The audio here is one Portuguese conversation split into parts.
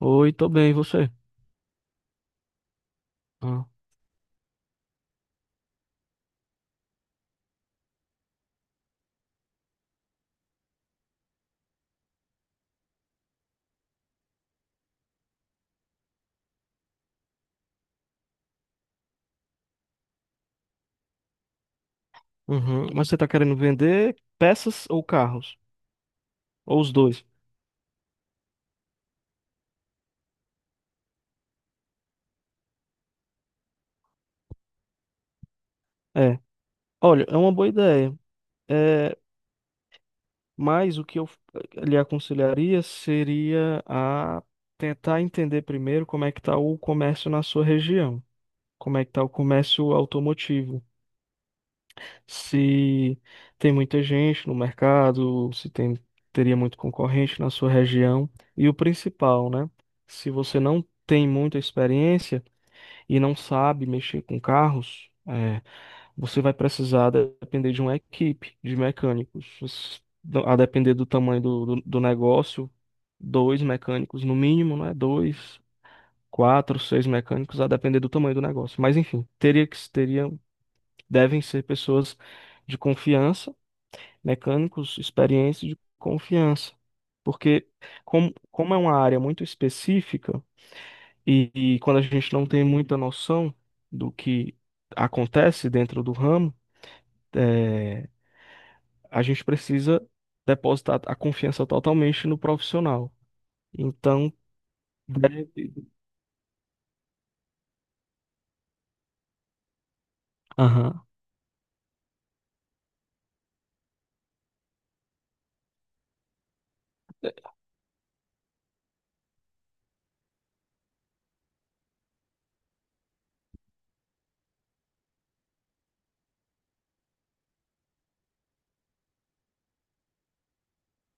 Oi, tô bem, e você? Ah, uhum. Mas você tá querendo vender peças ou carros? Ou os dois? É. Olha, é uma boa ideia. É, mas o que eu lhe aconselharia seria a tentar entender primeiro como é que tá o comércio na sua região. Como é que tá o comércio automotivo? Se tem muita gente no mercado, se tem, teria muito concorrente na sua região. E o principal, né? Se você não tem muita experiência, e não sabe mexer com carros, é, você vai precisar depender de uma equipe de mecânicos. A depender do tamanho do negócio, dois mecânicos no mínimo, né? Dois, quatro, seis mecânicos, a depender do tamanho do negócio. Mas enfim, devem ser pessoas de confiança, mecânicos experientes de confiança. Porque como é uma área muito específica, e quando a gente não tem muita noção do que acontece dentro do ramo, é, a gente precisa depositar a confiança totalmente no profissional. Então, deve... Aham.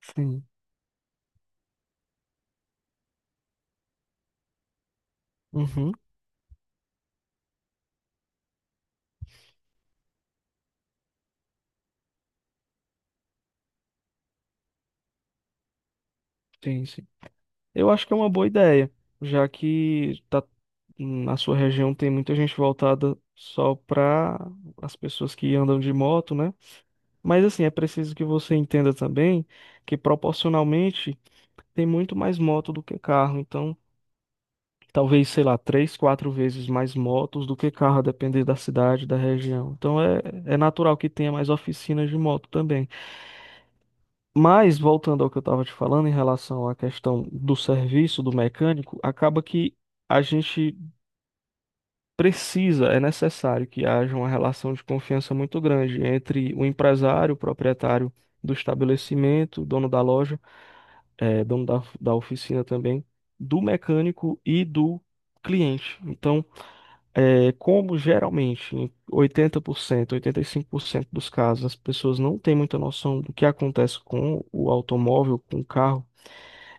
Sim. Uhum. Sim, sim. Eu acho que é uma boa ideia, já que tá, na sua região tem muita gente voltada só para as pessoas que andam de moto, né? Mas assim, é preciso que você entenda também que proporcionalmente tem muito mais moto do que carro. Então, talvez, sei lá, três, quatro vezes mais motos do que carro, a depender da cidade, da região. Então, é natural que tenha mais oficinas de moto também. Mas, voltando ao que eu estava te falando em relação à questão do serviço do mecânico, acaba que a gente precisa, é necessário que haja uma relação de confiança muito grande entre o empresário, o proprietário do estabelecimento, dono da loja, dono da oficina também, do mecânico e do cliente. Então, como geralmente em 80%, 85% dos casos as pessoas não têm muita noção do que acontece com o automóvel, com o carro,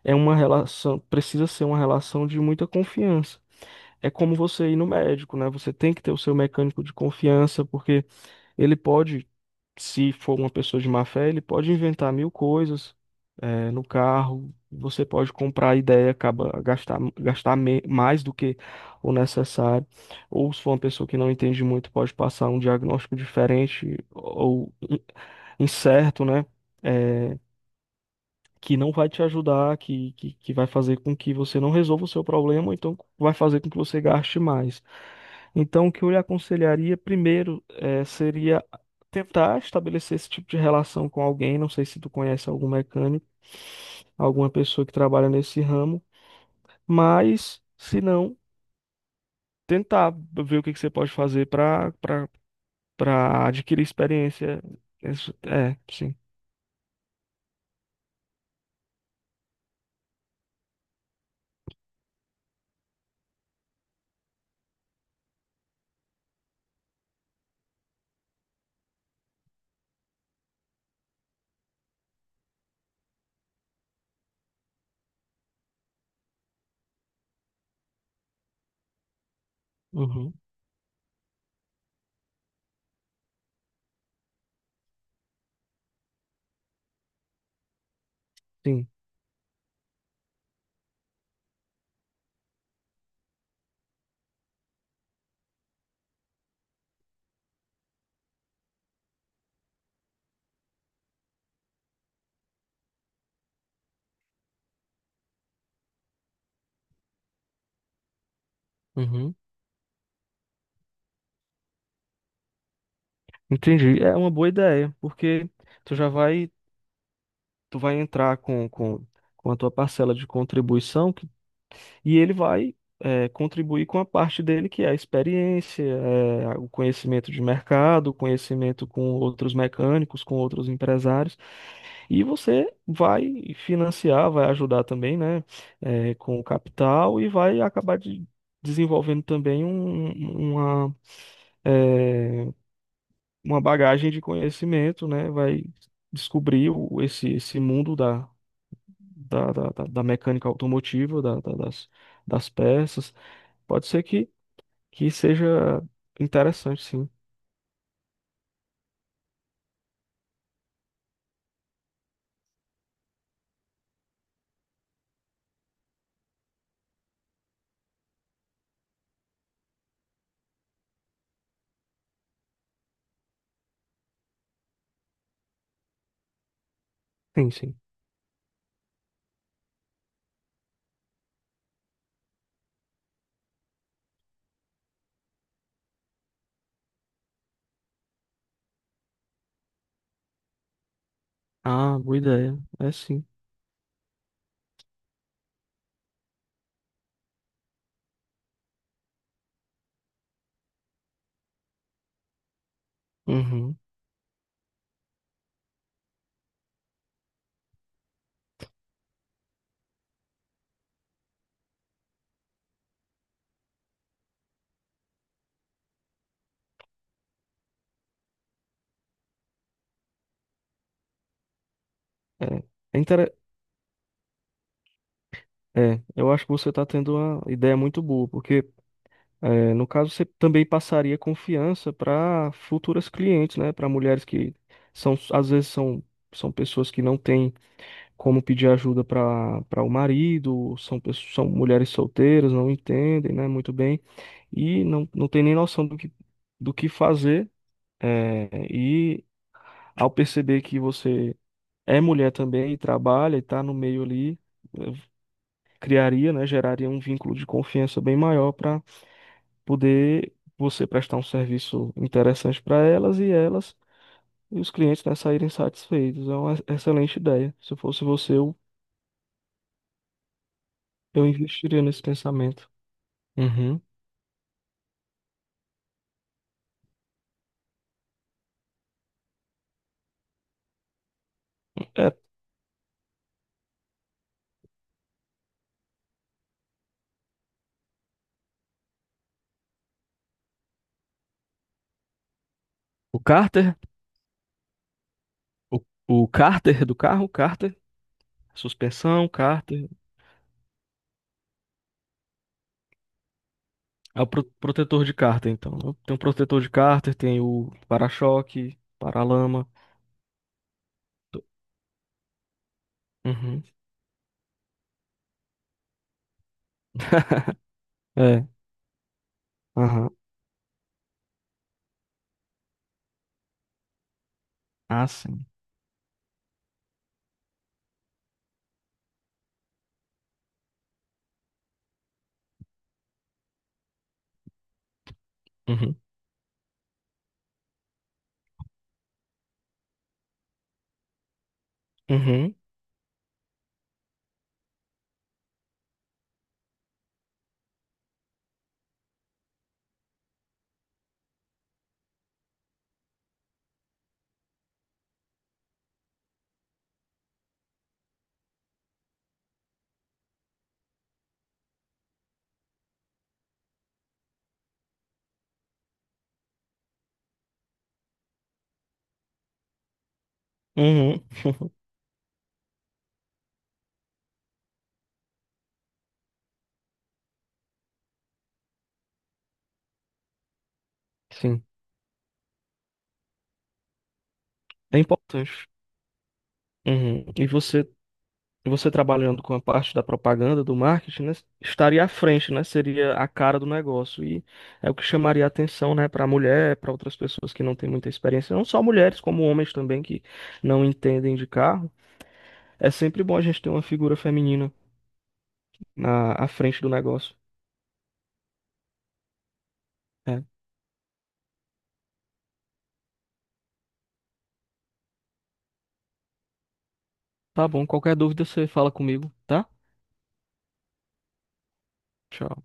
precisa ser uma relação de muita confiança é como você ir no médico, né? Você tem que ter o seu mecânico de confiança, porque ele pode, se for uma pessoa de má fé, ele pode inventar mil coisas, no carro. Você pode comprar a ideia, acaba gastar mais do que o necessário. Ou se for uma pessoa que não entende muito, pode passar um diagnóstico diferente ou incerto, né? Eh, que não vai te ajudar, que vai fazer com que você não resolva o seu problema, ou então vai fazer com que você gaste mais. Então, o que eu lhe aconselharia primeiro seria tentar estabelecer esse tipo de relação com alguém. Não sei se tu conhece algum mecânico, alguma pessoa que trabalha nesse ramo, mas se não, tentar ver o que que você pode fazer para adquirir experiência. Isso- É, sim. Uhum, sim. Uhum. Entendi. É uma boa ideia, porque tu já vai, tu vai entrar com a tua parcela de contribuição e ele vai contribuir com a parte dele, que é a experiência, é, o conhecimento de mercado, o conhecimento com outros mecânicos, com outros empresários, e você vai financiar, vai ajudar também, né, é, com o capital e vai desenvolvendo também uma, é, uma bagagem de conhecimento, né? Vai descobrir esse mundo da mecânica automotiva, das, das peças. Pode ser que seja interessante, sim. Sim, sim. Ah, boa ideia. É sim. Uhum. É. É, intere- é, eu acho que você está tendo uma ideia muito boa, porque é, no caso você também passaria confiança para futuras clientes, né? Para mulheres que são, às vezes são, são pessoas que não têm como pedir ajuda para para o marido, são mulheres solteiras, não entendem, né, muito bem, não tem nem noção do que fazer. É, e ao perceber que você é mulher também e trabalha e está no meio ali, eh, criaria, né, geraria um vínculo de confiança bem maior para poder você prestar um serviço interessante para elas e os clientes, né, saírem satisfeitos. É uma excelente ideia. Se eu fosse você, eu investiria nesse pensamento. Uhum. É, o cárter, o, o cárter do carro, cárter, suspensão, cárter, é o protetor de cárter, então. Né? Tem o protetor de cárter, tem o para-choque, para-lama. Do- Uhum. É, aham. Ah, sim. Uhum. Uhum. Uhum. Sim. É importante. Uhum. E você trabalhando com a parte da propaganda, do marketing, né, estaria à frente, né? Seria a cara do negócio. E é o que chamaria a atenção, né, para a mulher, para outras pessoas que não têm muita experiência, não só mulheres, como homens também que não entendem de carro. É sempre bom a gente ter uma figura feminina na à frente do negócio. É. Tá bom, qualquer dúvida você fala comigo, tá? Tchau.